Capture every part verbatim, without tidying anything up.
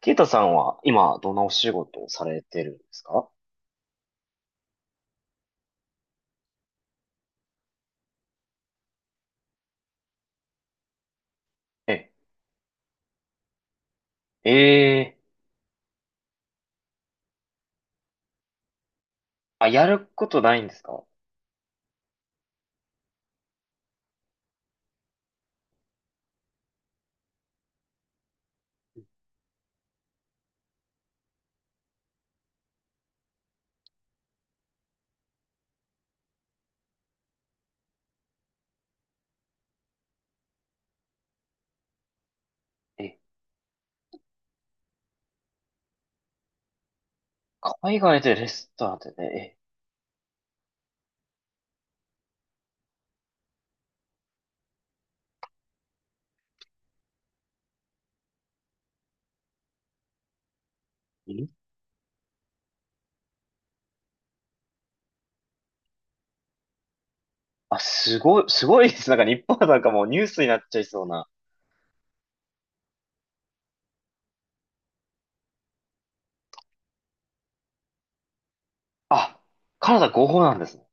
ケイタさんは今どんなお仕事をされてるんですか？え、ええ。あ、やることないんですか？え、海外でレストランでね。え、ん。あ、すごい、すごいです。なんか日本はなんかもうニュースになっちゃいそうな。あ、カナダ合法なんですね。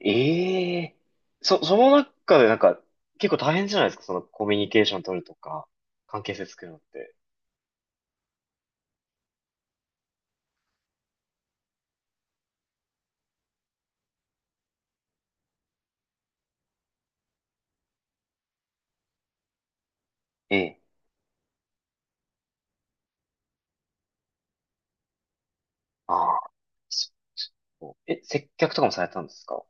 ええ。そ、その中でなんか結構大変じゃないですか？そのコミュニケーション取るとか、関係性作るのって。ええ、ああ、そそうえ、接客とかもされたんですか？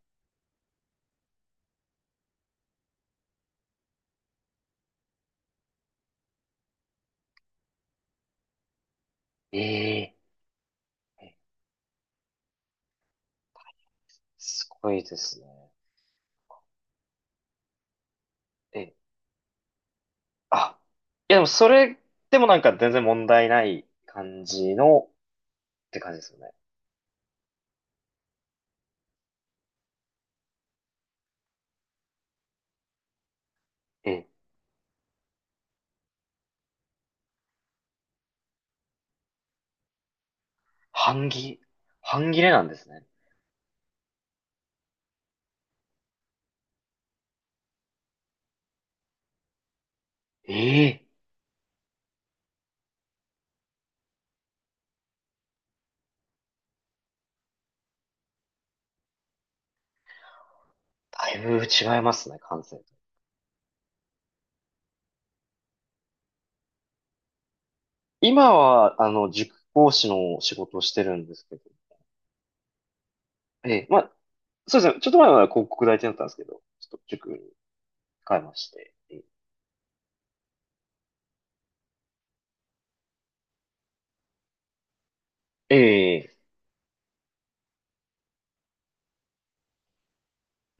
ええ。すごいですね。え、あ、いやでもそれでもなんか全然問題ない感じのって感じですよね？え、半切、半切れなんですね。ええ。だいぶ違いますね、感性と。今は、あの、塾講師の仕事をしてるんですけど。ええ、まあ、そうですね。ちょっと前は広告代理店だったんですけど、ちょっと塾に変えまして。ええ、ええ。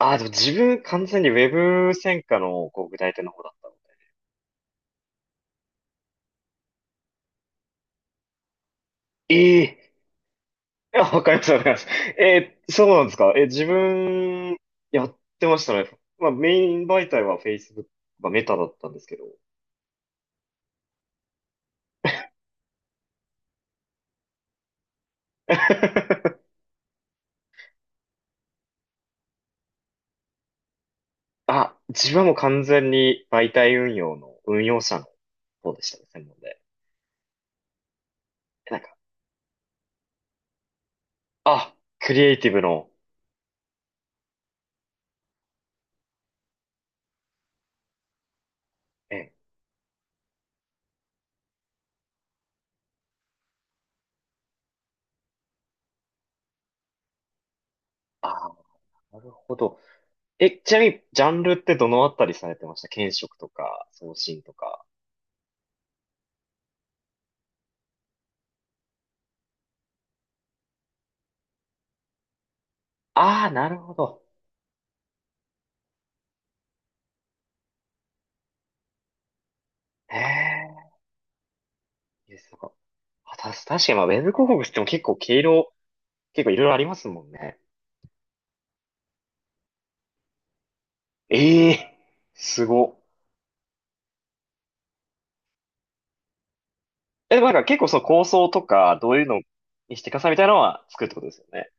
ああ、でも自分完全にウェブ専科の広告代理店の方だったので。ええ。いや、わかります、わかります。えー、そうなんですか？えー、自分、やってましたね。まあ、メイン媒体は Facebook、まあ、メタだったんですけど。あ、自分はもう完全に媒体運用の、運用者の方でしたね、専門で。なんか、あ、クリエイティブの、え、あ、なるほど。え、ちなみに、ジャンルってどのあたりされてました？検職とか、送信とか。ああ、なるほど。へえ、いいです。なんか、あた確かに、まあ、ウェブ広告っても結構毛色、結構いろいろありますもんね。ええ。すご。え、でもなんか結構その構想とか、どういうのにしていくかさみたいなのは作るってことですよね？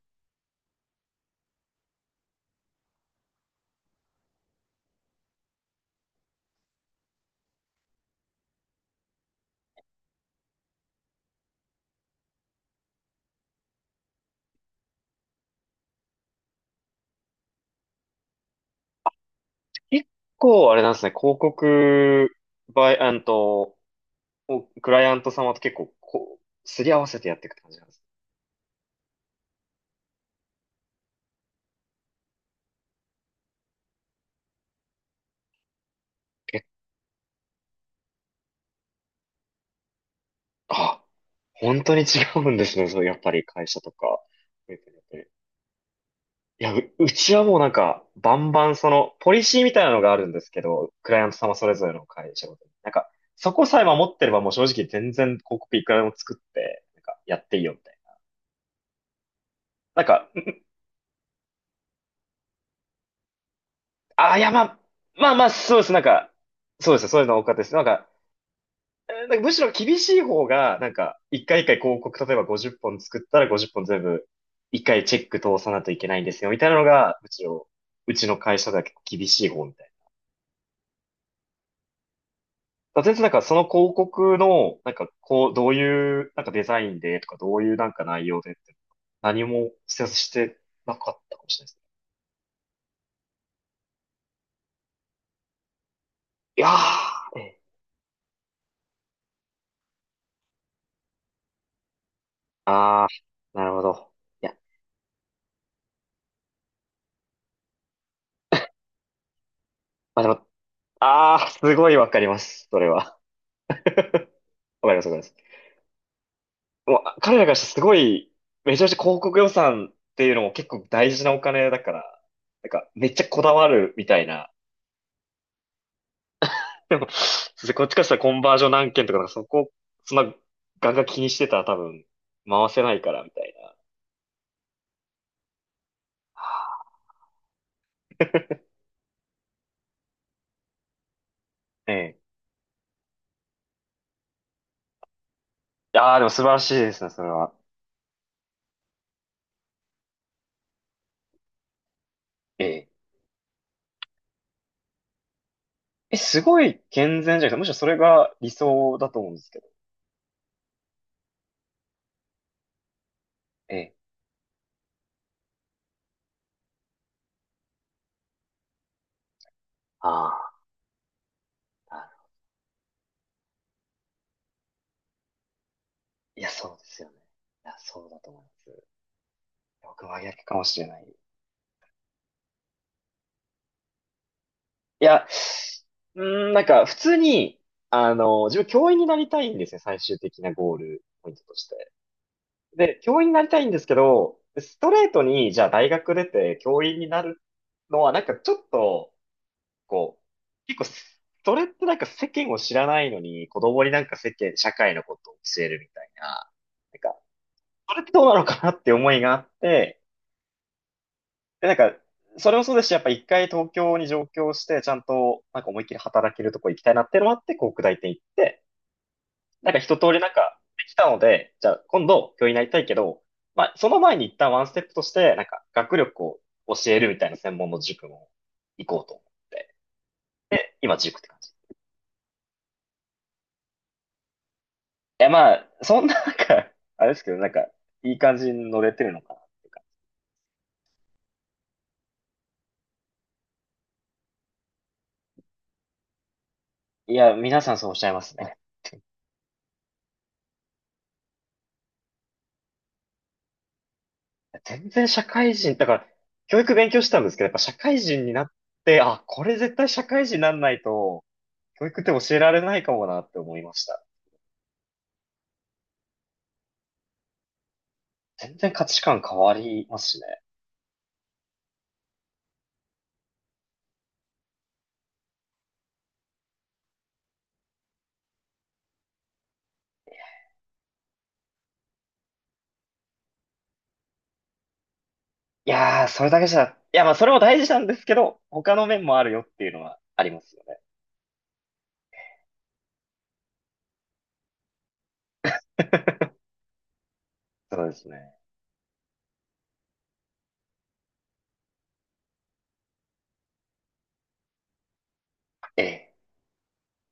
結構あれなんですね、広告、バイ、あんと、おクライアント様と結構こう、すり合わせてやっていくって感じなんですね。結構、あ、本当に違うんですね、そう、やっぱり会社とか。いや、う、うちはもうなんか、バンバンその、ポリシーみたいなのがあるんですけど、クライアント様それぞれの会社ごとに。なんか、そこさえ守ってればもう正直全然広告いくらでも作って、なんか、やっていいよみたいな。なんか、ああ、いや、まあ、まあまあ、そうです。なんか、そうですね。そういうの多かったです。なんか、えーなんかむしろ厳しい方が、なんか、一回一回広告、例えばごじゅっぽん作ったらごじゅっぽん全部、一回チェック通さないといけないんですよ、みたいなのが、むしろ、うちの会社では結構厳しい方みだ全然なんかその広告の、なんかこう、どういうなんかデザインでとか、どういうなんか内容でって、何も施設してなかったかもしれないですね。いやー、ええ。あー、なるほど。いや、まあでも、あー、すごいわかります。それは。わかります、わかります。もう、彼らからしてすごい、めちゃめちゃ広告予算っていうのも結構大事なお金だから、なんかめっちゃこだわるみたいな。でも、そうですね、こっちからしたらコンバージョン何件とか、なんかそこ、そんな、ガンガン気にしてたら多分、回せないから、みたいな。ええ。ああ、でも素晴らしいですね、それは。ええ。え、すごい健全じゃなくて、むしろそれが理想だと思うんですけど。ええ。ああ、なるほど。いや、そうですよね。いや、そうだと思います。僕は逆かもしれない。いや、うーん、なんか、普通に、あの、自分教員になりたいんですね、最終的なゴールポイントとして。で、教員になりたいんですけど、ストレートに、じゃあ大学出て教員になるのは、なんかちょっと、こう、結構す、それってなんか世間を知らないのに、子供になんか世間、社会のことを教えるみたいな、なんか、それってどうなのかなって思いがあって、で、なんか、それもそうですし、やっぱ一回東京に上京して、ちゃんと、なんか思いっきり働けるとこ行きたいなっていうのもあって、こう、北大って行って、なんか一通りなんかできたので、じゃあ今度教員になりたいけど、まあその前に一旦ワンステップとして、なんか学力を教えるみたいな専門の塾も行こうと思って、今塾って感じ。いやまあ、そんななんか、あれですけど、なんかいい感じに乗れてるのかなっていうか。いや、皆さんそうおっしゃいますね。全然社会人、だから教育勉強したんですけど、やっぱ社会人になって、あ、これ絶対社会人になんないと、教育って教えられないかもなって思いました。全然価値観変わりますしね。いやー、それだけじゃ、いや、まあ、それも大事なんですけど、他の面もあるよっていうのはありますよね。そうですね。ええ。